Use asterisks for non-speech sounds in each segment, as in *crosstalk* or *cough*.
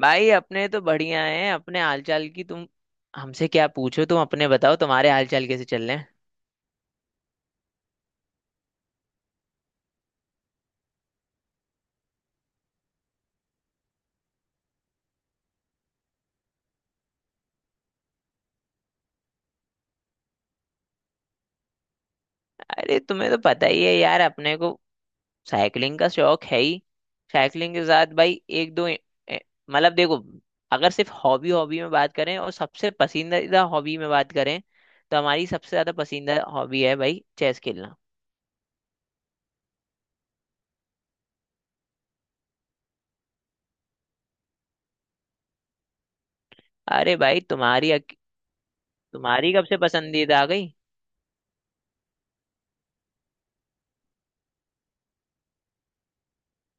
भाई अपने तो बढ़िया हैं। अपने हालचाल की तुम हमसे क्या पूछो, तुम अपने बताओ, तुम्हारे हालचाल कैसे चल रहे हैं। अरे तुम्हें तो पता ही है यार, अपने को साइकिलिंग का शौक है ही। साइकिलिंग के साथ भाई एक दो ए- मतलब देखो, अगर सिर्फ हॉबी हॉबी में बात करें और सबसे पसंदीदा हॉबी में बात करें, तो हमारी सबसे ज्यादा पसंदीदा हॉबी है भाई चेस खेलना। अरे भाई तुम्हारी कब से पसंदीदा आ गई?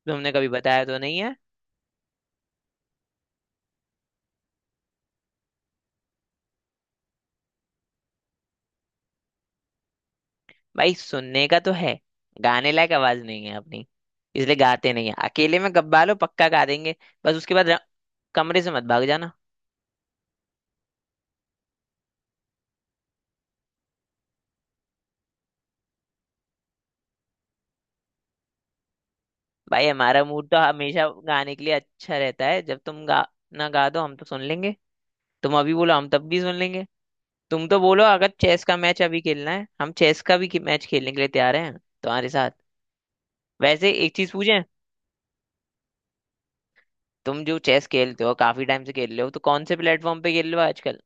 तुमने कभी बताया तो नहीं है। भाई सुनने का तो है, गाने लायक आवाज नहीं है अपनी, इसलिए गाते नहीं है। अकेले में गब्बा लो पक्का गा देंगे। बस कमरे से मत भाग जाना। भाई हमारा मूड तो हमेशा गाने के लिए अच्छा रहता है। जब तुम गा ना गा दो हम तो सुन लेंगे। तुम अभी बोलो हम तब भी सुन लेंगे। तुम तो बोलो अगर चेस का मैच अभी खेलना है, हम चेस का भी मैच खेलने के लिए तैयार हैं तुम्हारे साथ। वैसे एक चीज पूछें, तुम जो चेस खेलते हो काफी टाइम से खेल रहे हो, तो कौन से प्लेटफॉर्म पे खेल रहे हो आजकल?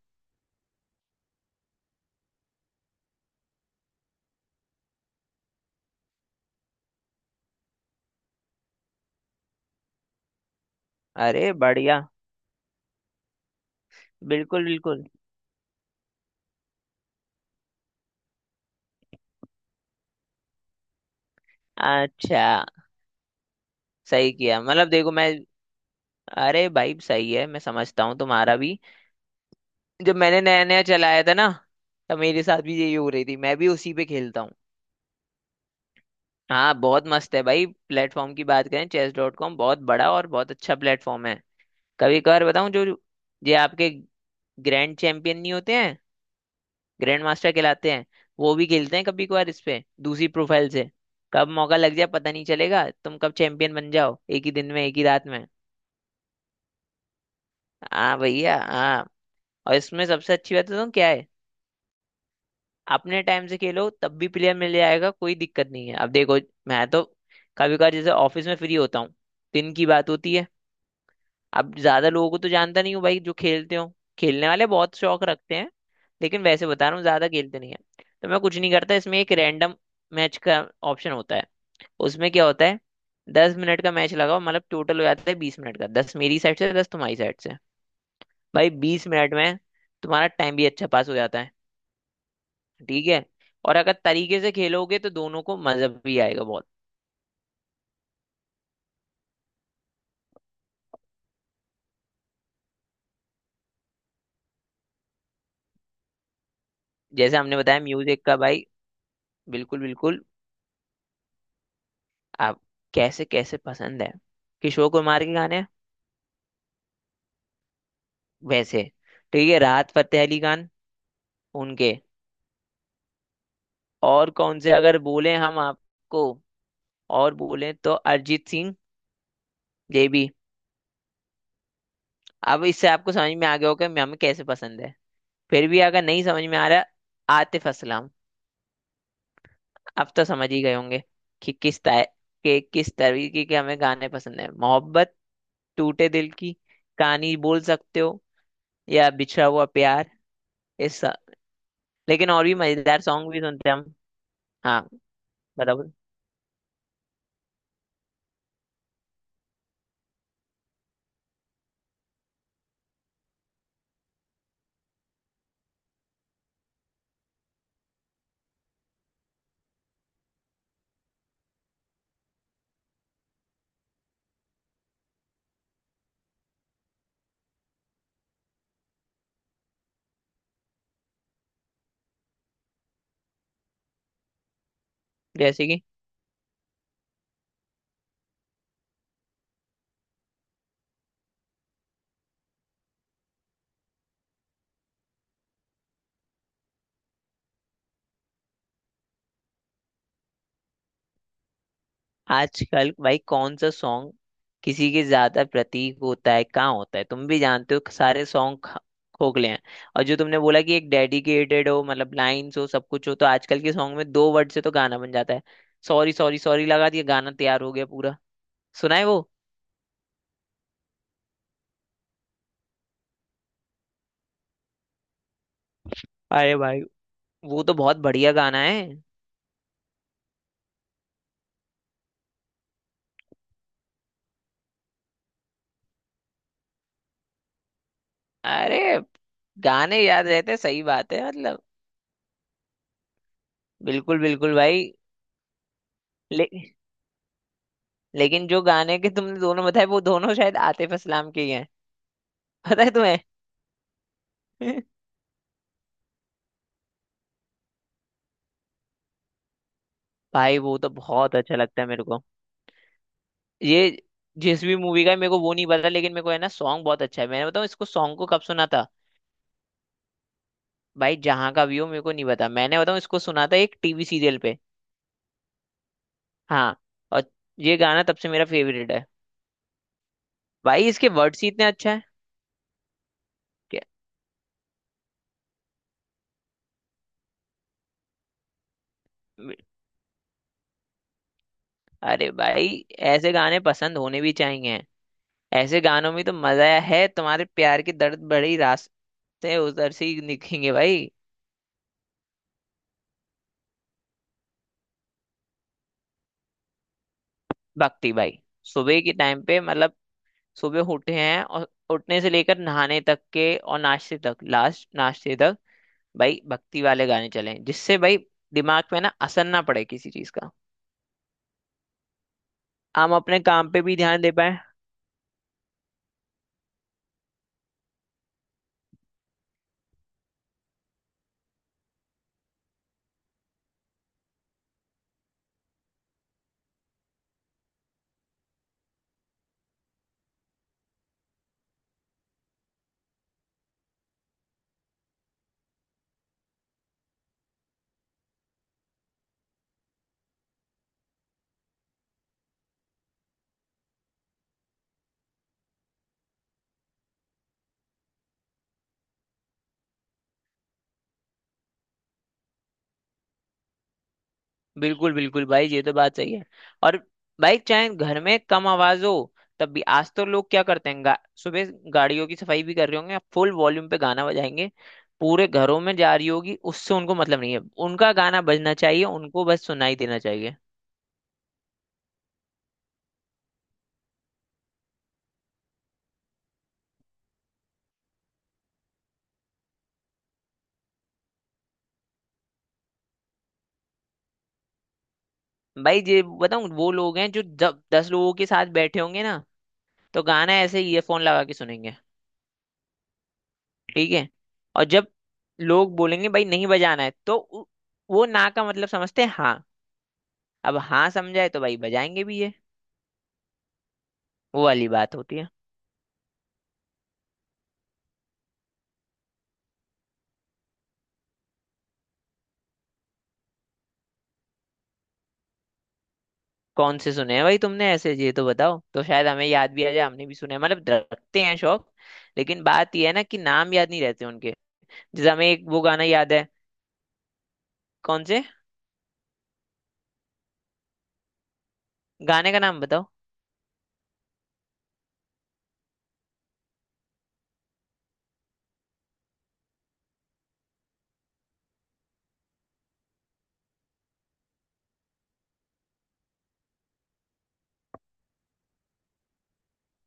अरे बढ़िया। बिल्कुल बिल्कुल। अच्छा, सही किया। मतलब देखो मैं, अरे भाई सही है, मैं समझता हूँ तुम्हारा भी। जब मैंने नया नया चलाया था ना, तब मेरे साथ भी यही हो रही थी। मैं भी उसी पे खेलता हूँ। हाँ बहुत मस्त है भाई। प्लेटफॉर्म की बात करें, चेस डॉट कॉम बहुत बड़ा और बहुत अच्छा प्लेटफॉर्म है। कभी कभार बताऊँ, जो ये आपके ग्रैंड चैंपियन नहीं होते हैं, ग्रैंड मास्टर कहलाते हैं, वो भी खेलते हैं कभी कभार इस पे दूसरी प्रोफाइल से। कब मौका लग जाए पता नहीं चलेगा, तुम कब चैंपियन बन जाओ एक ही दिन में, एक ही रात में। हाँ भैया हाँ। और इसमें सबसे अच्छी बात तो क्या है, अपने टाइम से खेलो तब भी प्लेयर मिल जाएगा, कोई दिक्कत नहीं है। अब देखो, मैं तो कभी कभार जैसे ऑफिस में फ्री होता हूँ, दिन की बात होती है, अब ज्यादा लोगों को तो जानता नहीं हूँ भाई जो खेलते हो। खेलने वाले बहुत शौक रखते हैं, लेकिन वैसे बता रहा हूँ ज्यादा खेलते नहीं है। तो मैं कुछ नहीं करता, इसमें एक रैंडम मैच का ऑप्शन होता है। उसमें क्या होता है, 10 मिनट का मैच लगाओ, मतलब टोटल हो जाता है 20 मिनट का, 10 मेरी साइड से, 10 तुम्हारी साइड से। भाई 20 मिनट में तुम्हारा टाइम भी अच्छा पास हो जाता है। ठीक है, और अगर तरीके से खेलोगे तो दोनों को मजा भी आएगा बहुत। जैसे हमने बताया म्यूजिक का भाई, बिल्कुल बिल्कुल। आप कैसे कैसे पसंद है? किशोर कुमार के गाने वैसे, ठीक है, राहत फतेह अली खान, उनके। और कौन से अगर बोले हम आपको, और बोले तो अरिजीत सिंह, ये भी। अब इससे आपको समझ में आ गया होगा कि हमें कैसे पसंद है। फिर भी अगर नहीं समझ में आ रहा, आतिफ असलम। अब तो समझ ही गए होंगे कि किस टाइप के, किस तरीके के हमें गाने पसंद है। मोहब्बत, टूटे दिल की कहानी बोल सकते हो, या बिछड़ा हुआ प्यार। इस, लेकिन और भी मजेदार सॉन्ग भी सुनते हैं हम। हाँ बताओ, जैसे कि आजकल भाई कौन सा सॉन्ग किसी के ज्यादा प्रतीक होता है? कहाँ होता है? तुम भी जानते हो सारे सॉन्ग खोखले हैं। और जो तुमने बोला कि एक डेडिकेटेड हो, मतलब लाइन्स हो, सब कुछ हो, तो आजकल के सॉन्ग में दो वर्ड से तो गाना बन जाता है। सॉरी सॉरी सॉरी लगा दिया, गाना तैयार हो गया पूरा। सुना है वो? अरे भाई वो तो बहुत बढ़िया गाना है। अरे गाने याद रहते, सही बात है मतलब। बिल्कुल बिल्कुल भाई। ले, लेकिन जो गाने के तुमने दोनों बताए वो दोनों शायद आतिफ असलाम के ही हैं। *laughs* पता है तुम्हें? *laughs* भाई वो तो बहुत अच्छा लगता है मेरे को। ये जिस भी मूवी का है, मेरे को वो नहीं पता, लेकिन मेरे को है ना सॉन्ग बहुत अच्छा है। मैंने बताऊँ इसको, सॉन्ग को कब सुना था? भाई जहाँ का व्यू मेरे को नहीं पता, मैंने बताऊँ इसको सुना था एक टीवी सीरियल पे। हाँ, और ये गाना तब से मेरा फेवरेट है। भाई इसके वर्ड्स ही इतने अच्छा है। अरे भाई ऐसे गाने पसंद होने भी चाहिए। ऐसे गानों में तो मजा है, तुम्हारे प्यार के दर्द भरी रास्ते उधर से ही दिखेंगे भाई। भक्ति भाई, सुबह के टाइम पे मतलब, सुबह उठे हैं और उठने से लेकर नहाने तक के, और नाश्ते तक, लास्ट नाश्ते तक भाई भक्ति वाले गाने चले, जिससे भाई दिमाग पे ना असर ना पड़े किसी चीज का, हम अपने काम पे भी ध्यान दे पाए। बिल्कुल बिल्कुल भाई, ये तो बात सही है। और भाई चाहे घर में कम आवाज हो, तब भी आज तो लोग क्या करते हैं, सुबह गाड़ियों की सफाई भी कर रहे होंगे, फुल वॉल्यूम पे गाना बजाएंगे। पूरे घरों में जा रही होगी, उससे उनको मतलब नहीं है। उनका गाना बजना चाहिए, उनको बस सुनाई देना चाहिए। भाई ये बताऊं, वो लोग हैं जो जब 10 लोगों के साथ बैठे होंगे ना, तो गाना ऐसे ईयरफोन लगा के सुनेंगे। ठीक है, और जब लोग बोलेंगे भाई नहीं बजाना है, वो ना का मतलब समझते हैं हाँ। अब हाँ समझाए तो भाई बजाएंगे भी ये। वो वाली बात होती है। कौन से सुने हैं भाई तुमने, ऐसे ये तो बताओ, तो शायद हमें याद भी आ जाए, हमने भी सुने हैं। मतलब रखते हैं शौक। लेकिन बात ये है ना कि नाम याद नहीं रहते उनके। जैसे हमें एक वो गाना याद है। कौन से? गाने का नाम बताओ।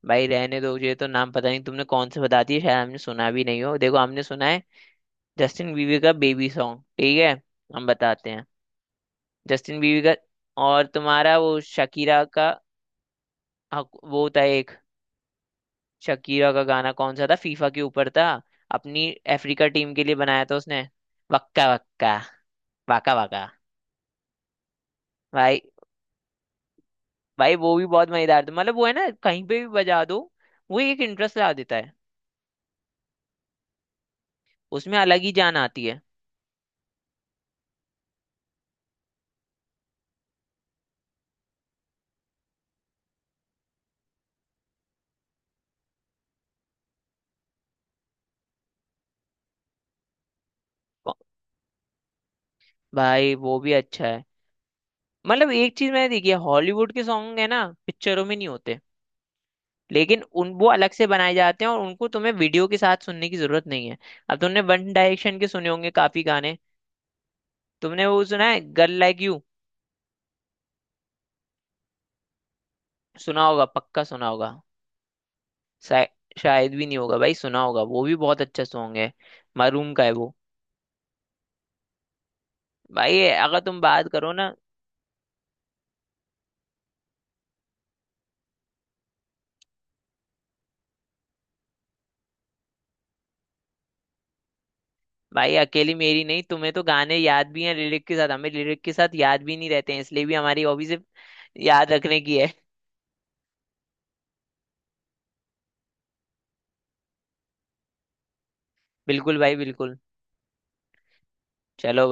भाई रहने दो, ये तो नाम पता नहीं, तुमने कौन से बता दिए, शायद हमने सुना भी नहीं हो। देखो, हमने सुना है जस्टिन बीवी का बेबी सॉन्ग, ठीक है हम बताते हैं, जस्टिन बीवी का। और तुम्हारा वो शकीरा का, वो था एक शकीरा का गाना, कौन सा था, फीफा के ऊपर था, अपनी अफ्रीका टीम के लिए बनाया था उसने, वक्का वक्का, वाका वाका। भाई, भाई वो भी बहुत मजेदार था, मतलब वो है ना कहीं पे भी बजा दो, वो एक इंटरेस्ट ला देता है, उसमें अलग ही जान आती है। भाई वो भी अच्छा है। मतलब एक चीज मैंने देखी है, हॉलीवुड के सॉन्ग है ना पिक्चरों में नहीं होते, लेकिन उन वो अलग से बनाए जाते हैं, और उनको तुम्हें वीडियो के साथ सुनने की जरूरत नहीं है। अब तुमने वन डायरेक्शन के सुने होंगे काफी गाने। तुमने वो सुना है, गर्ल लाइक यू? सुना होगा, पक्का सुना होगा। शायद भी नहीं होगा भाई, सुना होगा, वो भी बहुत अच्छा सॉन्ग है, मरूम का है वो। भाई ये अगर तुम बात करो ना, भाई अकेली मेरी नहीं, तुम्हें तो गाने याद भी हैं लिरिक के साथ, हमें लिरिक के साथ याद भी नहीं रहते हैं, इसलिए भी हमारी हॉबी सिर्फ याद रखने की है। बिल्कुल भाई बिल्कुल। चलो भाई।